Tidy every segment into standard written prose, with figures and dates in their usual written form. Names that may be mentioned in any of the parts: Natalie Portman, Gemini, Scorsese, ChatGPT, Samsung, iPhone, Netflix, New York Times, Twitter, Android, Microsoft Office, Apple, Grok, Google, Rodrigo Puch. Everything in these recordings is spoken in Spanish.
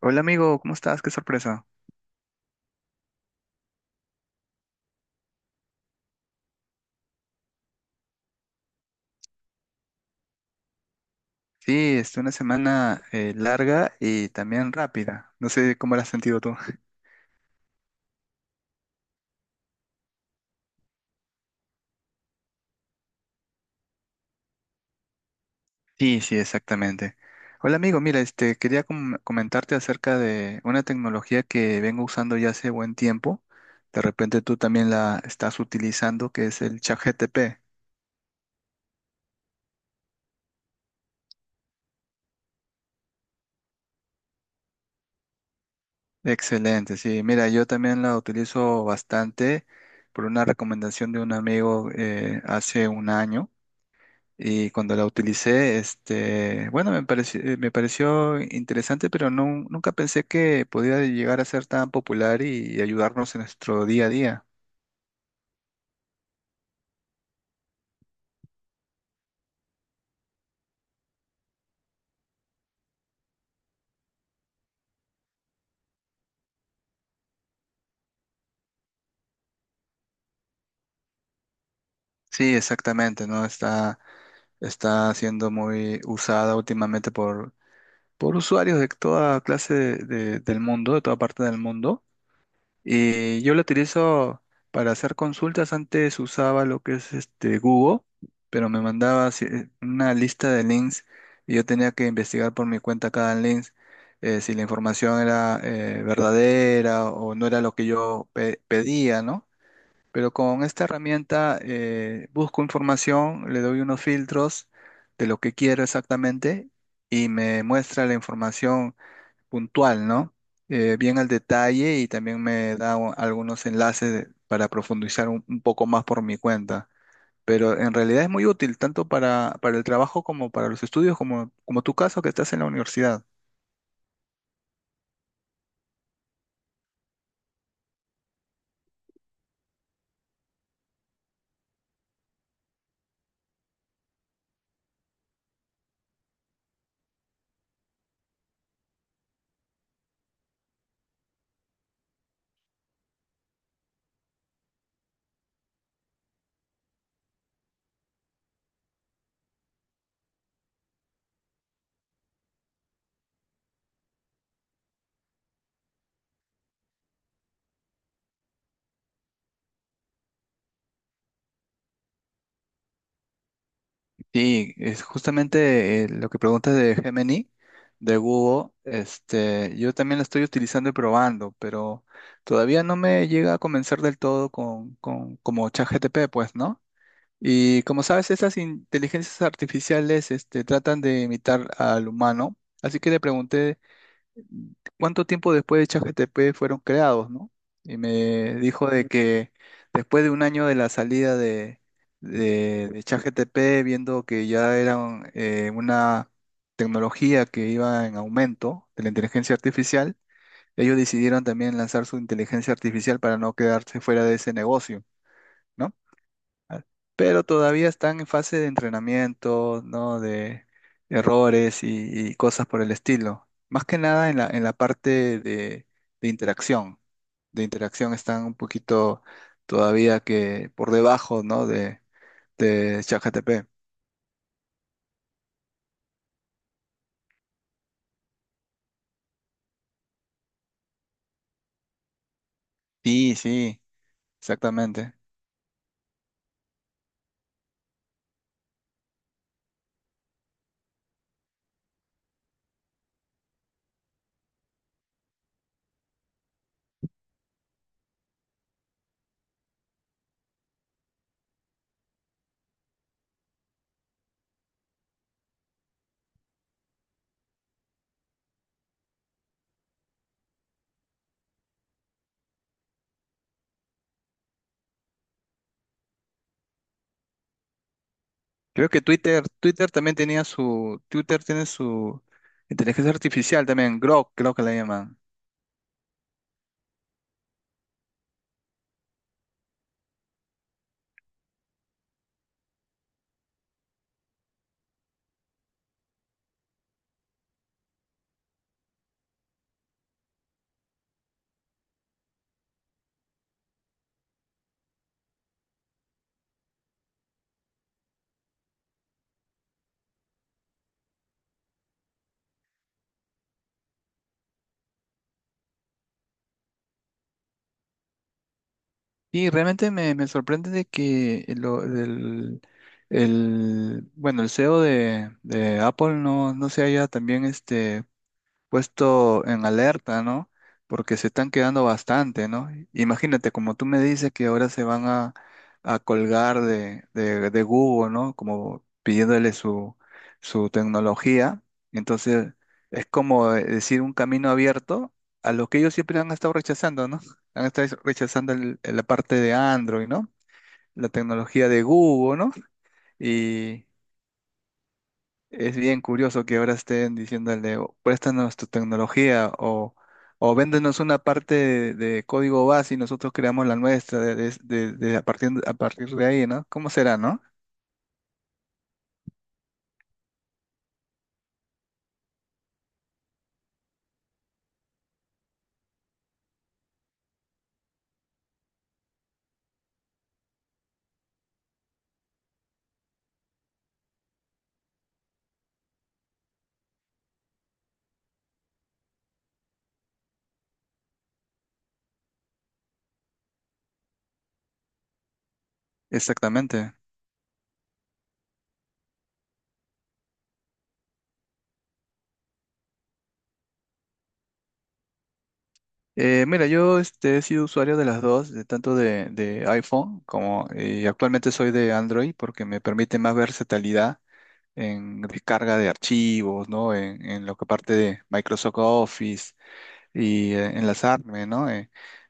Hola amigo, ¿cómo estás? Qué sorpresa. Sí, es una semana larga y también rápida. No sé cómo la has sentido tú. Sí, sí, exactamente. Hola amigo, mira, este quería comentarte acerca de una tecnología que vengo usando ya hace buen tiempo. De repente tú también la estás utilizando, que es el ChatGPT. Excelente, sí. Mira, yo también la utilizo bastante por una recomendación de un amigo hace un año. Y cuando la utilicé, este, bueno, me pareció interesante, pero no, nunca pensé que podía llegar a ser tan popular y ayudarnos en nuestro día a día. Sí, exactamente, ¿no? Está siendo muy usada últimamente por usuarios de toda clase del mundo, de toda parte del mundo. Y yo lo utilizo para hacer consultas. Antes usaba lo que es este Google, pero me mandaba así, una lista de links y yo tenía que investigar por mi cuenta cada link, si la información era verdadera o no era lo que yo pedía, ¿no? Pero con esta herramienta busco información, le doy unos filtros de lo que quiero exactamente y me muestra la información puntual, ¿no? Bien al detalle y también me da algunos enlaces para profundizar un poco más por mi cuenta. Pero en realidad es muy útil tanto para el trabajo como para los estudios, como tu caso que estás en la universidad. Sí, es justamente lo que preguntas de Gemini, de Google. Este, yo también la estoy utilizando y probando, pero todavía no me llega a convencer del todo con como ChatGPT, pues, ¿no? Y como sabes, esas inteligencias artificiales, este, tratan de imitar al humano. Así que le pregunté cuánto tiempo después de ChatGPT fueron creados, ¿no? Y me dijo de que después de un año de la salida de ChatGPT, viendo que ya era una tecnología que iba en aumento de la inteligencia artificial, ellos decidieron también lanzar su inteligencia artificial para no quedarse fuera de ese negocio, ¿no? Ah, pero todavía están en fase de entrenamiento, ¿no? De errores y cosas por el estilo. Más que nada en la parte de interacción. De interacción están un poquito todavía que por debajo, ¿no? De ChatGPT. Sí, sí, exactamente. Creo que Twitter también Twitter tiene su inteligencia artificial también, Grok, creo que la llaman. Y realmente me sorprende de que bueno, el CEO de Apple, no se haya también este, puesto en alerta, ¿no? Porque se están quedando bastante, ¿no? Imagínate, como tú me dices que ahora se van a colgar de Google, ¿no? Como pidiéndole su tecnología. Entonces, es como decir un camino abierto a lo que ellos siempre han estado rechazando, ¿no? Han estado rechazando la parte de Android, ¿no? La tecnología de Google, ¿no? Es bien curioso que ahora estén diciéndole: "O préstanos tu tecnología, o véndenos una parte de código base y nosotros creamos la nuestra a partir de ahí". ¿No? ¿Cómo será, no? Exactamente. Mira, yo este, he sido usuario de las dos, tanto de iPhone, como y actualmente soy de Android porque me permite más versatilidad en descarga de archivos, ¿no? En lo que parte de Microsoft Office y enlazarme, ¿no? Eh,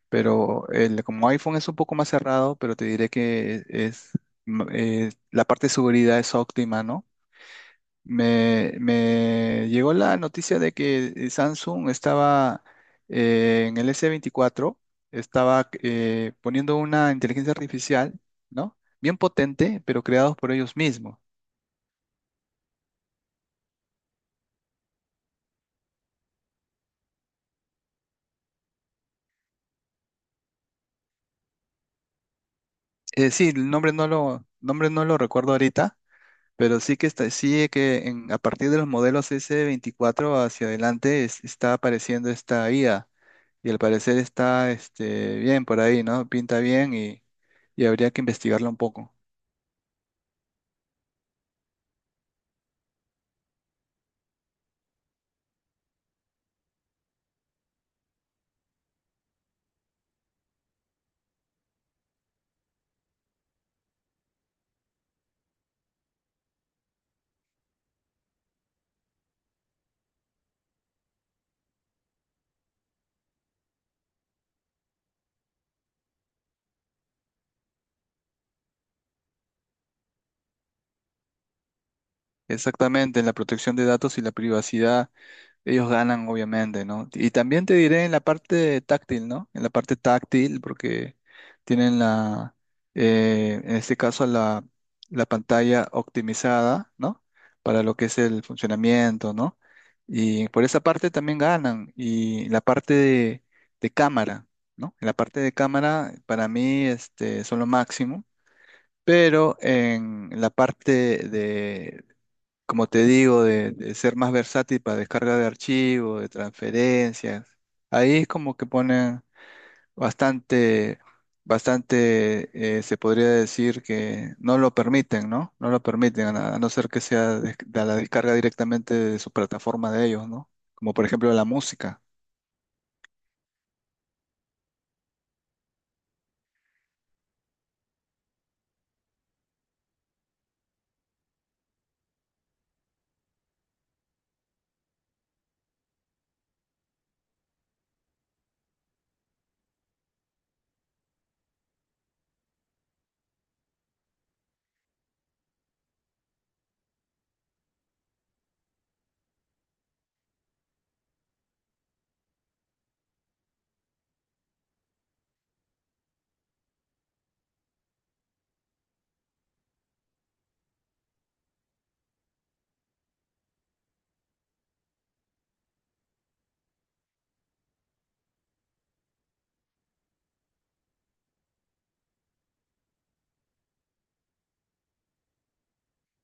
pero el, como iPhone es un poco más cerrado, pero te diré que la parte de seguridad es óptima, ¿no? Me llegó la noticia de que Samsung estaba, en el S24, estaba poniendo una inteligencia artificial, ¿no? Bien potente, pero creados por ellos mismos. Sí, el nombre no lo recuerdo ahorita. Pero sí que está, sí que en- a partir de los modelos S24 hacia adelante está apareciendo esta IA y al parecer está este, bien por ahí, ¿no? Pinta bien y habría que investigarla un poco. Exactamente, en la protección de datos y la privacidad. Ellos ganan, obviamente, ¿no? Y también te diré en la parte táctil, ¿no? En la parte táctil, porque tienen en este caso, la pantalla optimizada, ¿no? Para lo que es el funcionamiento, ¿no? Y por esa parte también ganan. Y la parte de cámara, ¿no? En la parte de cámara, para mí, este, son lo máximo. Pero en la parte, como te digo, de ser más versátil para descarga de archivos, de transferencias. Ahí es como que ponen bastante, bastante, se podría decir que no lo permiten, ¿no? No lo permiten, a no ser que sea de la descarga directamente de su plataforma de ellos, ¿no? Como por ejemplo la música.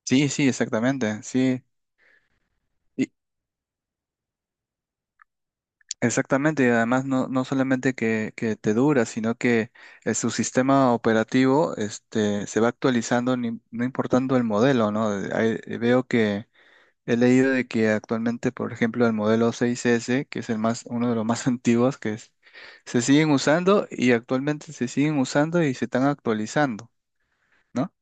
Sí, sí. Exactamente, y además no solamente que te dura, sino que su sistema operativo este, se va actualizando, no importando el modelo, ¿no? Veo que he leído de que actualmente, por ejemplo, el modelo 6S, que es uno de los más antiguos, se siguen usando, y se están actualizando, ¿no?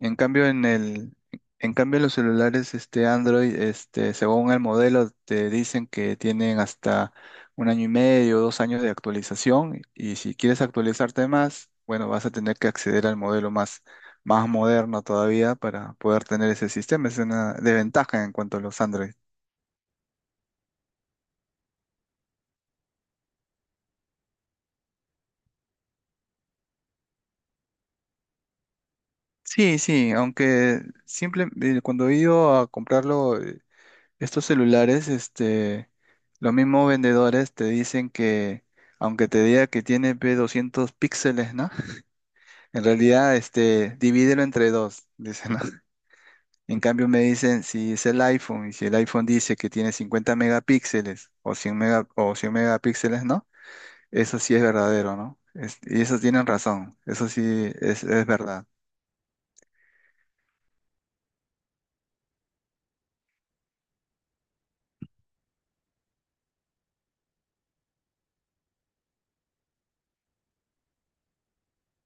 En cambio, los celulares este Android, este, según el modelo, te dicen que tienen hasta un año y medio, 2 años de actualización. Y si quieres actualizarte más, bueno, vas a tener que acceder al modelo más moderno todavía para poder tener ese sistema. Es una desventaja en cuanto a los Android. Sí, sí, aunque simple, cuando he ido a comprarlo. Estos celulares, este, los mismos vendedores te dicen que, aunque te diga que tiene pues, 200 píxeles, ¿no? En realidad, este, divídelo entre dos, dicen, ¿no? En cambio me dicen si es el iPhone, y si el iPhone dice que tiene 50 megapíxeles o 100 megapíxeles, ¿no? Eso sí es verdadero, ¿no? Y eso tienen razón, eso sí es verdad.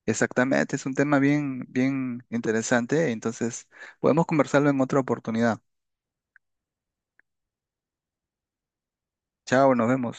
Exactamente, es un tema bien, bien interesante, entonces podemos conversarlo en otra oportunidad. Chao, nos vemos.